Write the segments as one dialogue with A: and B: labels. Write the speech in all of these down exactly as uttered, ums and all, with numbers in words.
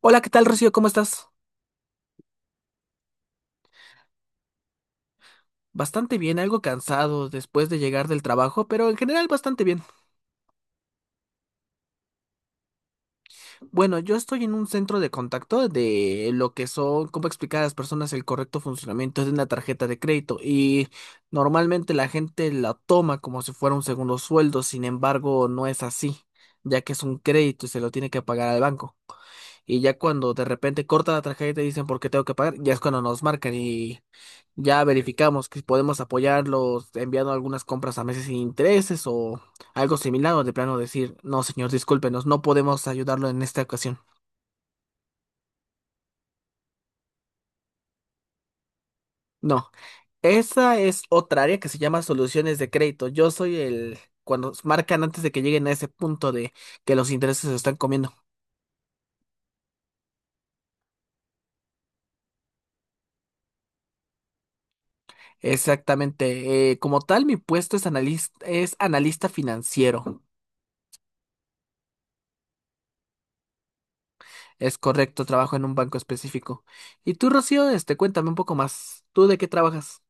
A: Hola, ¿qué tal, Rocío? ¿Cómo estás? Bastante bien, algo cansado después de llegar del trabajo, pero en general bastante bien. Bueno, yo estoy en un centro de contacto de lo que son, cómo explicar a las personas el correcto funcionamiento de una tarjeta de crédito y normalmente la gente la toma como si fuera un segundo sueldo, sin embargo, no es así, ya que es un crédito y se lo tiene que pagar al banco. Y ya cuando de repente cortan la tarjeta y te dicen por qué tengo que pagar, ya es cuando nos marcan y ya verificamos que podemos apoyarlos enviando algunas compras a meses sin intereses o algo similar o de plano decir, no señor, discúlpenos, no podemos ayudarlo en esta ocasión. No, esa es otra área que se llama soluciones de crédito. Yo soy el, cuando s- marcan antes de que lleguen a ese punto de que los intereses se están comiendo. Exactamente. Eh, como tal, mi puesto es analista, es analista, financiero. Es correcto, trabajo en un banco específico. Y tú, Rocío, este, cuéntame un poco más. ¿Tú de qué trabajas?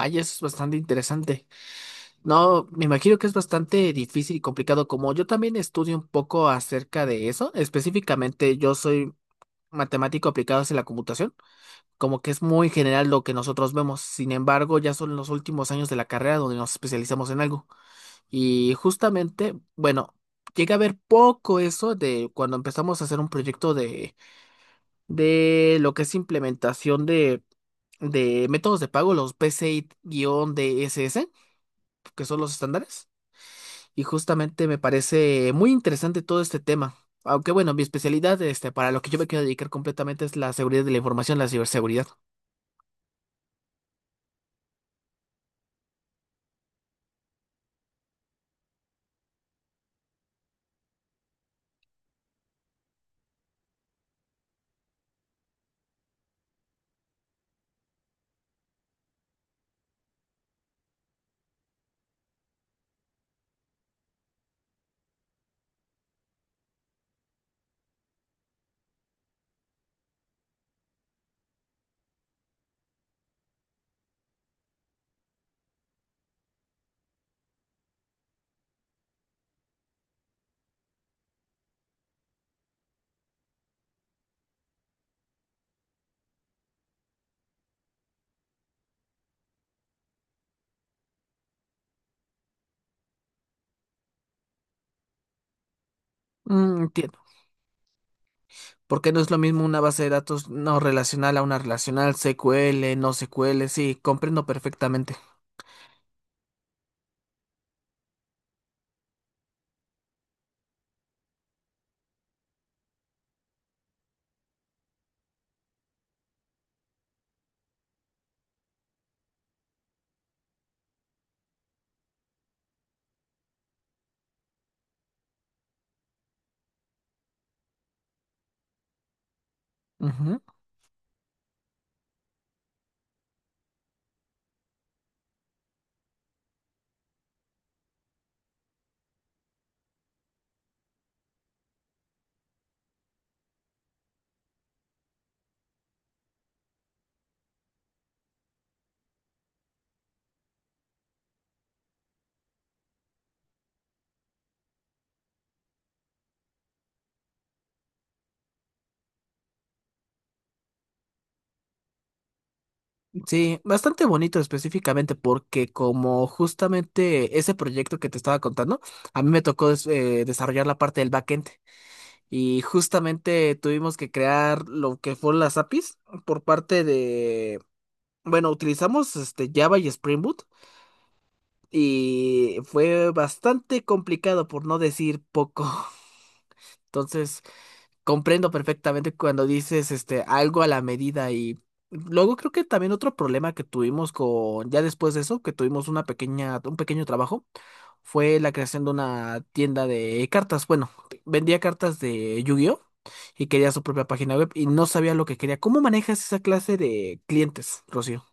A: Ay, eso es bastante interesante. No, me imagino que es bastante difícil y complicado, como yo también estudio un poco acerca de eso. Específicamente, yo soy matemático aplicado hacia la computación, como que es muy general lo que nosotros vemos. Sin embargo, ya son los últimos años de la carrera donde nos especializamos en algo. Y justamente, bueno, llegué a ver poco eso de cuando empezamos a hacer un proyecto de de lo que es implementación de, de métodos de pago, los P C I-D S S, que son los estándares. Y justamente me parece muy interesante todo este tema. Aunque bueno, mi especialidad, este, para lo que yo me quiero dedicar completamente es la seguridad de la información, la ciberseguridad. Mm, ti- Porque no es lo mismo una base de datos no relacional a una relacional, S Q L, no S Q L, sí, comprendo perfectamente. Ujú. Sí, bastante bonito específicamente porque como justamente ese proyecto que te estaba contando, a mí me tocó des- eh, desarrollar la parte del backend. Y justamente tuvimos que crear lo que fueron las APIs por parte de, bueno, utilizamos este Java y Spring Boot y fue bastante complicado por no decir poco. Entonces, comprendo perfectamente cuando dices este algo a la medida y luego creo que también otro problema que tuvimos con ya después de eso, que tuvimos una pequeña un pequeño trabajo fue la creación de una tienda de cartas. Bueno, vendía cartas de Yu-Gi-Oh y quería su propia página web y no sabía lo que quería. ¿Cómo manejas esa clase de clientes, Rocío?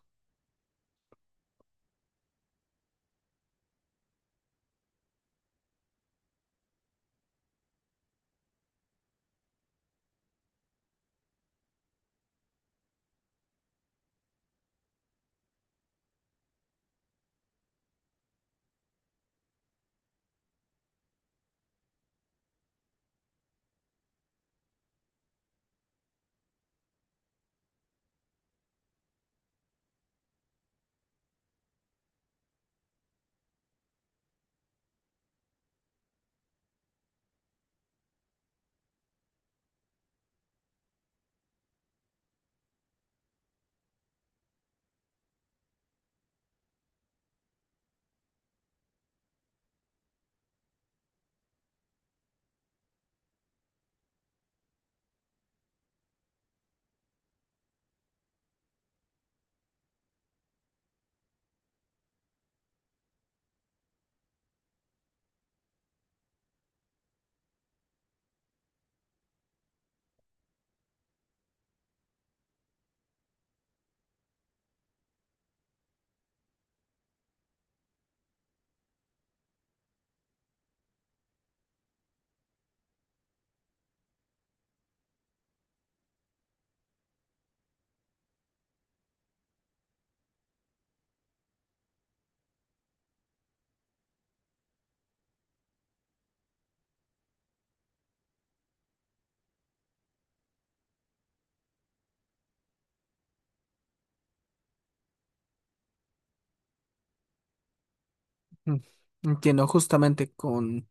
A: Mm, Entiendo, justamente con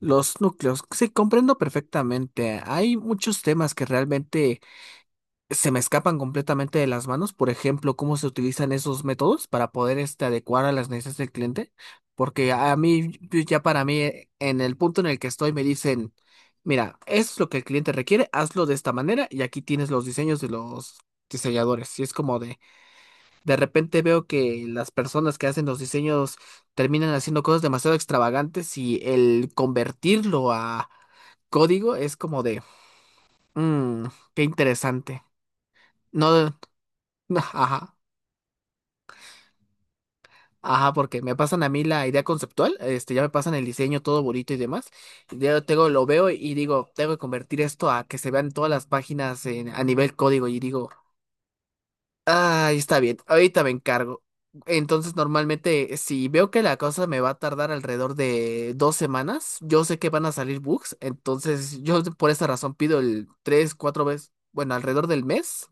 A: los núcleos. Sí, comprendo perfectamente. Hay muchos temas que realmente se me escapan completamente de las manos, por ejemplo, cómo se utilizan esos métodos para poder este, adecuar a las necesidades del cliente, porque a mí, yo ya para mí, eh, en el punto en el que estoy, me dicen, mira, esto es lo que el cliente requiere, hazlo de esta manera y aquí tienes los diseños de los diseñadores. Y es como de, de repente veo que las personas que hacen los diseños terminan haciendo cosas demasiado extravagantes y el convertirlo a código es como de, "Mm, qué interesante." No, ajá, ajá, porque me pasan a mí la idea conceptual, este, ya me pasan el diseño todo bonito y demás. Ya tengo, lo veo y digo, tengo que convertir esto a que se vean todas las páginas en- a nivel código y digo, ay, está bien, ahorita me encargo. Entonces, normalmente, si veo que la cosa me va a tardar alrededor de dos semanas, yo sé que van a salir bugs, entonces yo por esa razón pido el tres, cuatro veces, bueno, alrededor del mes.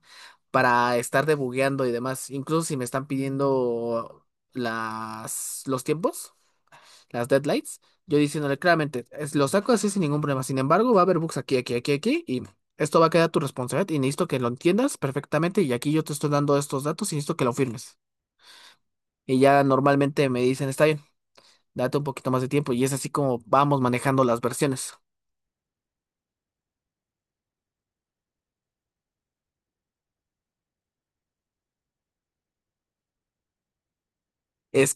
A: Para estar debugueando y demás. Incluso si me están pidiendo las, los tiempos, las deadlines, yo diciéndole claramente, es- lo saco así sin ningún problema. Sin embargo, va a haber bugs aquí, aquí, aquí, aquí, y esto va a quedar a tu responsabilidad y necesito que lo entiendas perfectamente. Y aquí yo te estoy dando estos datos y necesito que lo firmes. Y ya normalmente me dicen, está bien, date un poquito más de tiempo. Y es así como vamos manejando las versiones. Es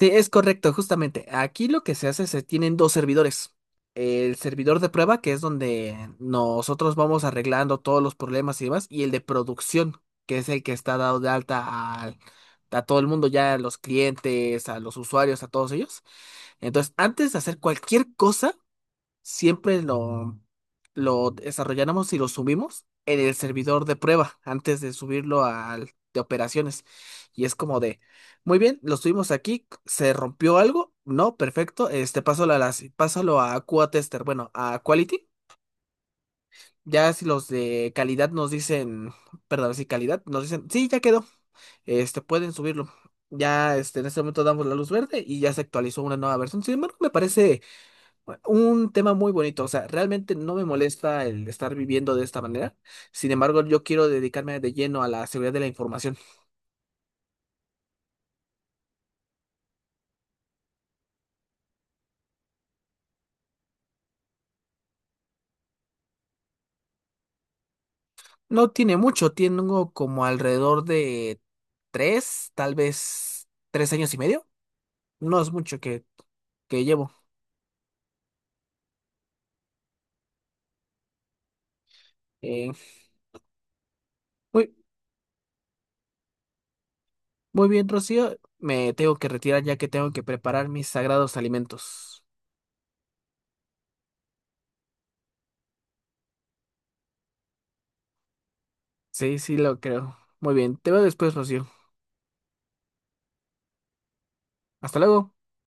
A: Sí, es correcto, justamente. Aquí lo que se hace es que tienen dos servidores. El servidor de prueba, que es donde nosotros vamos arreglando todos los problemas y demás, y el de producción, que es el que está dado de alta al- a, todo el mundo, ya a los clientes, a los usuarios, a todos ellos. Entonces, antes de hacer cualquier cosa, siempre lo, lo desarrolláramos y lo subimos en el servidor de prueba antes de subirlo al de operaciones. Y es como de, muy bien, lo subimos aquí, ¿se rompió algo? No, perfecto, este, pásalo a las, pásalo a Q A tester, bueno, a quality. Ya si los de calidad nos dicen, perdón, si calidad nos dicen, sí, ya quedó, este, pueden subirlo. Ya, este, en este momento damos la luz verde y ya se actualizó una nueva versión. Sin embargo, me parece un tema muy bonito, o sea, realmente no me molesta el estar viviendo de esta manera. Sin embargo, yo quiero dedicarme de lleno a la seguridad de la información. No tiene mucho, tengo como alrededor de tres, tal vez tres años y medio. No es mucho que, que llevo. Eh, Muy, muy bien, Rocío, me tengo que retirar ya que tengo que preparar mis sagrados alimentos. Sí, sí, lo creo. Muy bien, te veo después, Rocío. Hasta luego.